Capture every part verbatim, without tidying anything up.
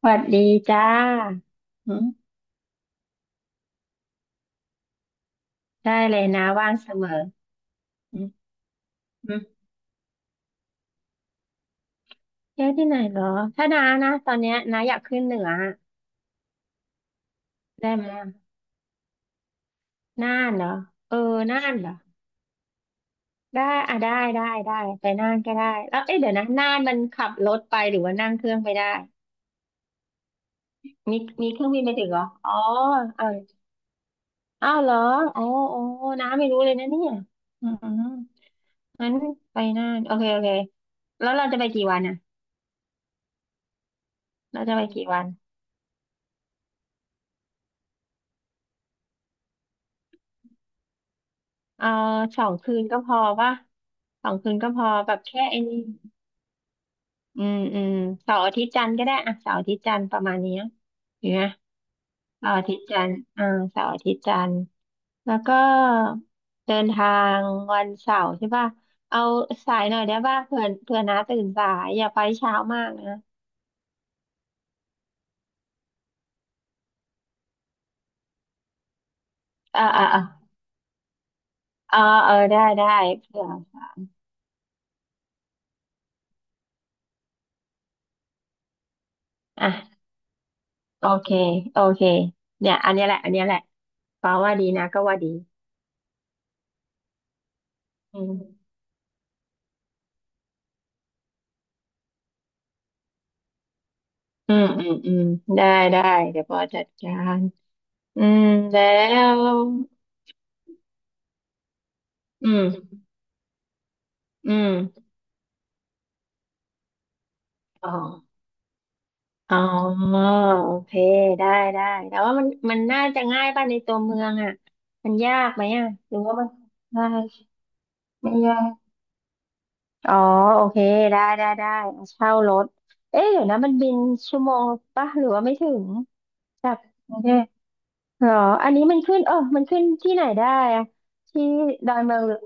สวัสดีจ้าอืมได้เลยนะว่างเสมออืมอืมเที่ยวที่ไหนเหรอถ้าน้านะตอนเนี้ยน้าอยากขึ้นเหนือได้ไหมอะน่านเหรอ เออน่านเหรอ ได้อ่ะได้ได้ได้ไปน่านก็ได้แล้วเอ๊ะเดี๋ยวนะน่านมันขับรถไปหรือว่านั่งเครื่องไปได้ มีมีเครื่องบินไปถึงเหรอ อ๋อเอออ้าวเหรออ๋ออ๋อน้าไม่รู้เลยนะเนี่ยอืมงั้นไปน่านโอเคโอเคแล้วเราจะไปกี่วันอ่ะเราจะไปกี่วัน เออสองคืนก็พอว่าสองคืนก็พอแบบแค่ไอ้นี่อืมอืมเสาร์อาทิตย์จันทร์ก็ได้อะเสาร์อาทิตย์จันทร์ประมาณเนี้ยเห็นไหมเสาร์อาทิตย์จันทร์อ่าเสาร์อาทิตย์จันทร์แล้วก็เดินทางวันเสาร์ใช่ป่ะเอาสายหน่อยได้ป่ะเผื่อเผื่อน้าตื่นสายอย่าไปเช้ามากนะเออเออเออเออเออได้ได้เผื่ออ่ะโอเคโอเคเนี่ยอันเนี้ยแหละอันเนี้ยแหละฟ้าว่าดีนะก็ว่าดีอืม อืมอืมอืมได้ได้เดี๋ยวปอจัดการอืมแล้วอืมอืมอ๋ออ๋อโอเคได้ได้แต่ว่ามันมันน่าจะง่ายป่ะในตัวเมืองอ่ะมันยากไหมอ่ะหรือว่ามันง่ายไม่ยากอ๋อโอเคได้ได้ได้เช่ารถเอ๊ะเดี๋ยวนะมันบินชั่วโมงป่ะหรือว่าไม่ถึงจากกรุงเทพ เหรออันนี้มันขึ้นเออมันขึ้นที่ไหนได้อะที่ดอนเมืองหรือ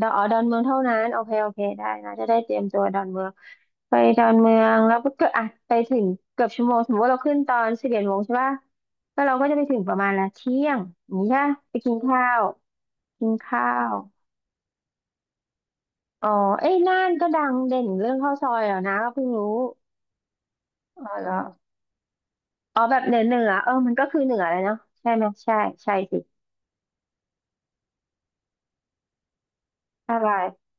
ดอนอ๋อดอนเมืองเท่านั้นโอเคโอเคได้นะจะได้เตรียมตัวดอนเมืองไปดอนเมืองแล้วก็อ่ะไปถึงเกือบชั่วโมงสมมติว่าเราขึ้นตอนสิบเอ็ดโมงใช่ป่ะแล้วเราก็จะไปถึงประมาณละเที่ยงอย่างนี้ใช่ปะไปกินข้าวกินข้าวอ๋อเอ้ยน่านก็ดังเด่นเรื่องข้าวซอยเหรอนะก็เพิ่งรู้อ๋อเหรออ๋อแบบเหนือเหนือเออมันก็คือเหนือเลยเนาะใช่ไหมใช่ใช่สิอะไร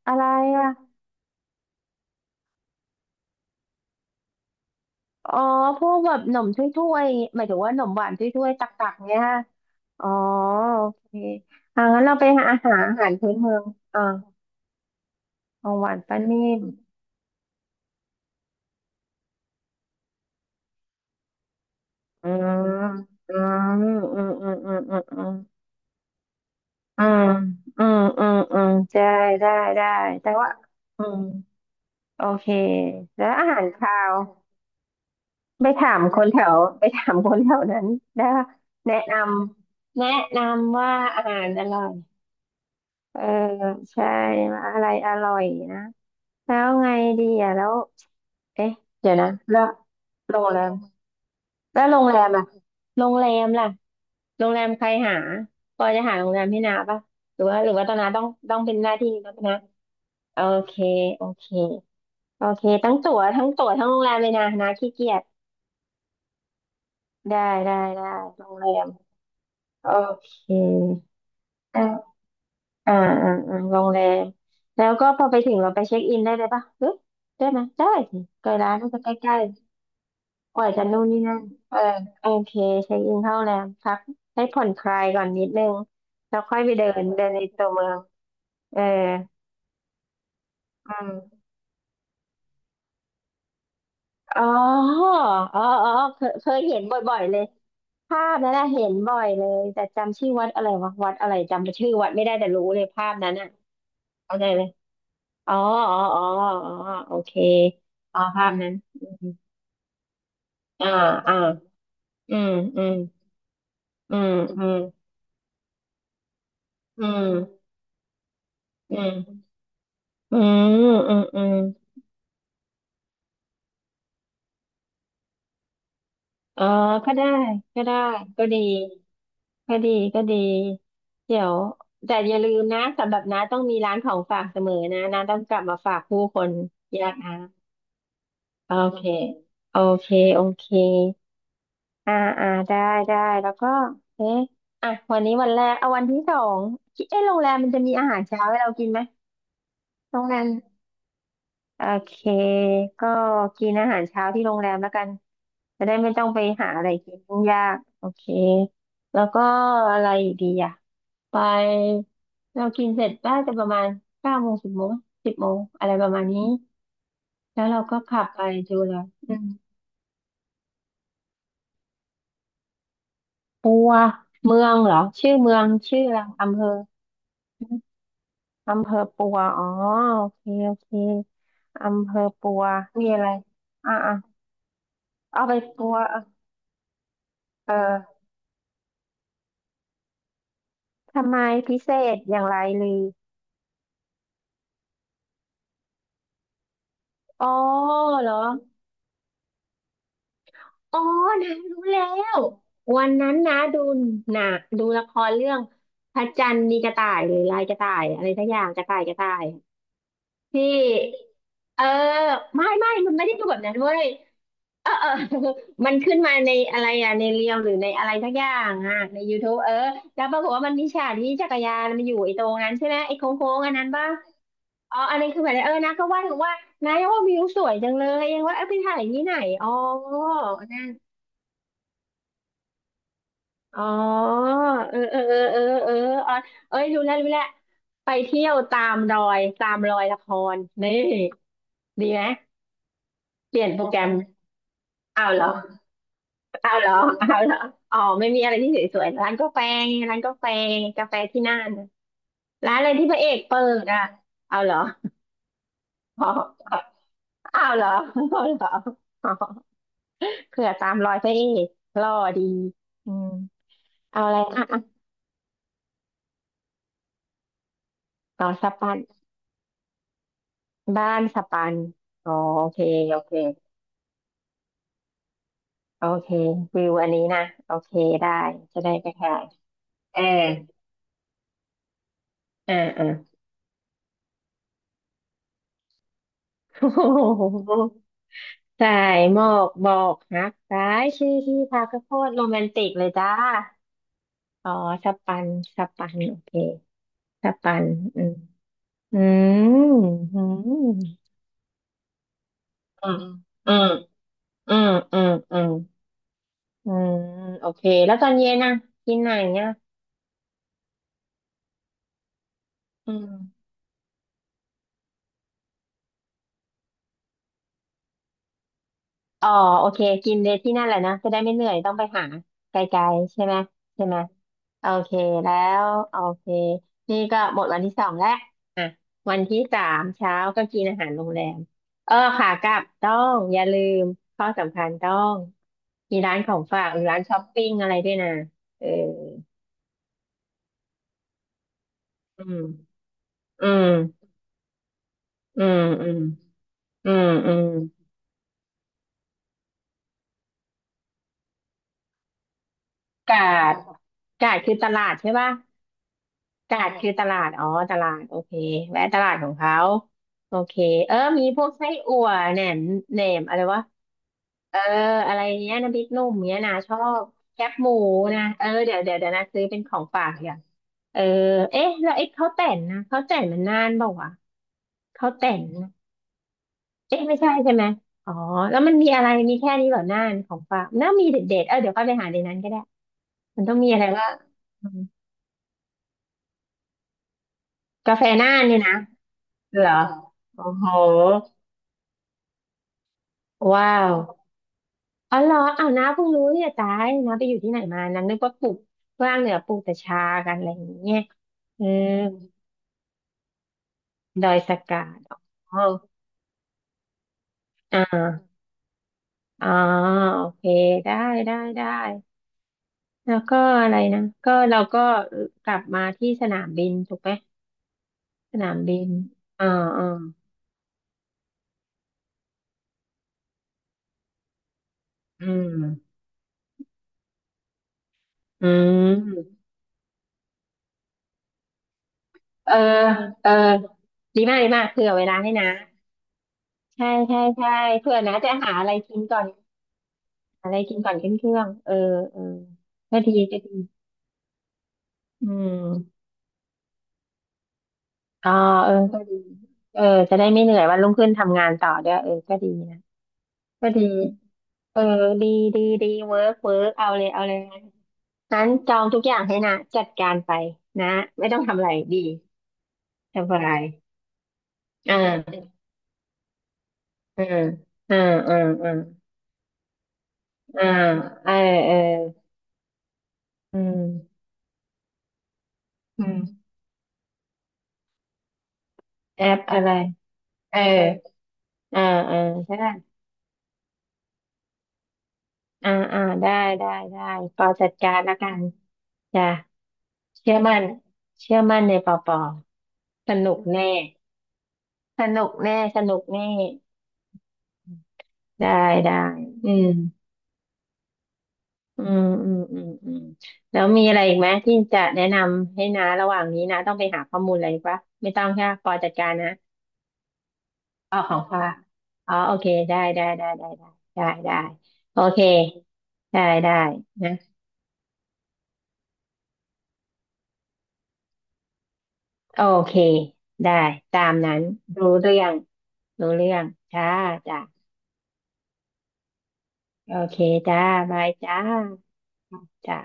อะไรอะ อ๋อพวกแบบหนมถ้วยๆหมายถึงว่าหนมหวานถ้วยๆตักๆเนี่ยฮะอ๋อโอเคอ่างั้นเราไปหาอาหารอาหารพื้นเมืองอ่าของหวานป้านิ่มอืมอืมอืมอืมอืมอืมอืมอืมอืมอืมอืมใช่ได้ได้แต่ว่าอืมโอเคแล้วอาหารคาวไปถามคนแถวไปถามคนแถวนั้นได้ว่าแนะนำแนะนำว่าอาหารอร่อย เออใช่อะไรอร่อยนะแล้วไงดีอ่ะแล้วเอ๊ะเดี๋ยวนะแล้วโรงแรมแล้วโรงแรมล่ะโรงแรมล่ะโรงแรมใครหาปอจะหาโรงแรมให้นาปะหรือว่าหรือว่าตอนนาต้องต้องเป็นหน้าที่นะนะโอเคโอเคโอเคทั้งตั๋วทั้งตั๋วทั้งโรงแรมเลยนะนาขี้เกียจได้ได้ได้โรงแรมโอเค อ่าอ่าอ่าโรงแรมแล้วก็พอไปถึงเราไปเช็คอินได้เลยปะหรือได้ไหมได้สิใกล้ร้านก็จะใกล้ๆปล่อยจะนู่นนี่นั่นเออโอเคเช็คอินเข้าโรงแรมพักให้ผ่อนคลายก่อนนิดนึงแล้วค่อยไปเดินเดินในตัวเมืองเอออืมอ๋ออ๋ออ๋อเคยเคยเห็นบ่อยๆเลยภาพนั้นนะเห็นบ่อยเลยแต่จำชื่อวัดอะไรวะวัดอะไรจำชื่อวัดไม่ได้แต่รู้เลยภาพนั้นอ่ะเข้าใจเลย อ๋ออ๋ออ๋ออ๋อโอเคอ๋อภาพนั้นอืมอ่าอ่าอืมอืมอืมอืมอืมอืมอืมอืมอืมเออก็ได้ก็ได้ก็ดีก็ดีก็ดีเดี๋ยวแต่อย่าลืมนะสำหรับน้าต้องมีร้านของฝากเสมอนะน้าต้องกลับมาฝากผู้คนยากนะโอเคโอเคโอเค อ่าอ่าได้ได้แล้วก็เอ๊ะอ่ะวันนี้วันแรกเอาวันที่สองคิดเอ๊ะโรงแรมมันจะมีอาหารเช้าให้เรากินไหมโรงแรมโอเคก็กินอาหารเช้าที่โรงแรมแล้วกันจะได้ไม่ต้องไปหาอะไรกินยุ่งยากโอเคแล้วก็อะไรอีกดีอ่ะไปเรากินเสร็จน่าจะประมาณเก้าโมงสิบโมงสิบโมงอะไรประมาณนี้แล้วเราก็ขับไปดูเลยอืมปัวเมืองเหรอชื่อเมืองชื่ออะไรอำเภอ อำเภอปัว อ๋อโอเคโอเคอำเภอปัวมีอะไรอ่ะอ่ะเอาไปปัวเออทำไมพิเศษอย่างไรลืออ๋อเหรออ๋อนะรู้แล้ววันนั้นนะดูหนังดูละครเรื่องพระจันทร์มีกระต่ายหรือลายกระต่ายอะไรสักอย่างกระต่ายกระต่ายที่เออไม่ไม่มันไม่ได้ดูแบบนั้นเว้ย เออ เออ มันขึ้นมาในอะไรอะในเรียวหรือในอะไรทักอย่างอะในยูท t บเออแล้วปรากฏว่ามันมีฉากที่จักรยานมันอยู่ไอ้ตรงนั้นใช่ไหมไอ้โค้งๆอันนั้นป่ะอ๋ออันนั้นคือแบบเออนะก็ว่าถึงว่านะว่าวิวสวยจังเลยเองว่าเออไปถ่ายที่ไหนอ๋อนั่นอ๋อเออเออเออเออเอออ๋อเอ้ยรู้แล้วรู้แล้วไปเที่ยวตามรอยตามรอยละครนี่ดีไหมเปลี่ยนโปรแกรมอ้าวเหรอ เอาเหรอเอาเหรออ๋อไม่มีอะไรที่สวยๆร้านกาแฟไงร้านกาแฟกาแฟที่น่านน่ะร้านอะไรที่พระเอกเปิดอ่ะ เอาเหรออ๋อเอาเหรอเอาเหรออ๋อเผื่อตามรอยพระเอกหล่อดีอืมเอาอะไรอ่ะอ่ะต่อสปันบ้านสปันอ๋อโอเคโอเคโอเควิวอันนี้นะโอเคได้จะได้ไปถ่ายเออเออเออ สายหมอกบอกฮักได้ายชื่อที่พักก็โคตรโรแมนติกเลยจ้าอ๋อสปันสปันโอเคสปันอืมอืมอืมอืมอืมอืมอืมอืมอืมโอเคแล้วตอนเย็นนะกินไหนเนี่ยอืม อ๋อโอเคกินเลยที่นั่นแหละนะจะได้ไม่เหนื่อยต้องไปหาไกลๆใช่ไหมใช่ไหมโอเคแล้วโอเคนี่ก็หมดวันที่สองแล้วอ่ะวันที่สามเช้าก็กินอาหารโรงแรมเออขากลับต้องอย่าลืมข้อสำคัญต้องมีร้านของฝากหรือร้านช้อปปิ้งอะไรด้วยนะเอออืมอืมอืมอืมอืมอืมกาดกาดคือตลาดใช่ป่ะ ตลาดคือตลาดอ๋อตลาดโอเคแวะตลาดของเขาโอเคเออมีพวกไส้อั่วแหนมแหนมอะไรวะเอออะไรเนี้ยน้ำพริกหนุ่มเนี้ยนะชอบแคบหมูนะเออเดี๋ยวเดี๋ยวเดี๋ยวนะซื้อเป็นของฝากอย่างเออเอ๊ะแล้วไอ้ข้าวแต่นนะข้าวแต่นมันน่านเปล่าวะข้าวแต่นนะเอ๊ะไม่ใช่ใช่ไหมอ๋อแล้วมันมีอะไรมีแค่นี้เหรอน่านของฝากน่ามีเด็ดๆเออเดี๋ยวก็ไปหาในนั้นก็ได้มันต้องมีอะไรว่างอืมกาแฟน่านเนี่ยนะเหรอโอ้โห ว้าวอ๋อเหรออ้าวน้าเพิ่งรู้เนี่ยตายน้าไปอยู่ที่ไหนมานั้นนึกว่าปลูกว่างเหนือปลูกแต่ชากันอะไรอย่างเงี้ยอืมดอยสะกาดอ๋ออ่าอ๋อโอเคได้ได้ได้แล้วก็อะไรนะก็เราก็กลับมาที่สนามบินถูกไหมสนามบินอ่าอ่าอืมอืมเออเออดีมากดีมากเผื่อเวลาให้นะใช่ใช่ใช่เผื่อนะจะหาอะไรกินก่อน อะไรกินก่อนขึ้นเครื่อง เออเออก็ดีก็ดีอืมอ๋อเออก็ดี เออจะได้ไม่เหนื่อยวันรุ่งขึ้นทำงานต่อด้วยเออก็ดีนะก็ดีเออดีดีดีเวิร์กเวิร์กเอาเลยเอาเลยงั้นจองทุกอย่างให้นะจัดการไปนะไม่ต้องทำอะไรดีสบายอ่าอ่าอ่าอ่าอ่าอ่าเออเอออืมอืมแอปอะไรเอออ่าอ่าใช่ อ่าอ่าได้ได้ได้ปอจัดการละกันจ้ะเชื่อมั่นเชื่อมั่นในปอปอสนุกแน่สนุกแน่สนุกแน่ได้ได้อืมอืมอืมอืมอืมแล้วมีอะไรอีกไหมที่จะแนะนำให้นะระหว่างนี้นะต้องไปหาข้อมูลอะไรปะไม่ต้องใช่ปะปอจัดการนะอ๋อของป้าอ๋อโอเคได้ได้ได้ได้ได้ได้ได้โอเคได้ได้นะ โอเค ได้ตามนั้นรู้เรื่องรู้เรื่องจ้าจ้าโอเคจ้าบายจ้าจ้า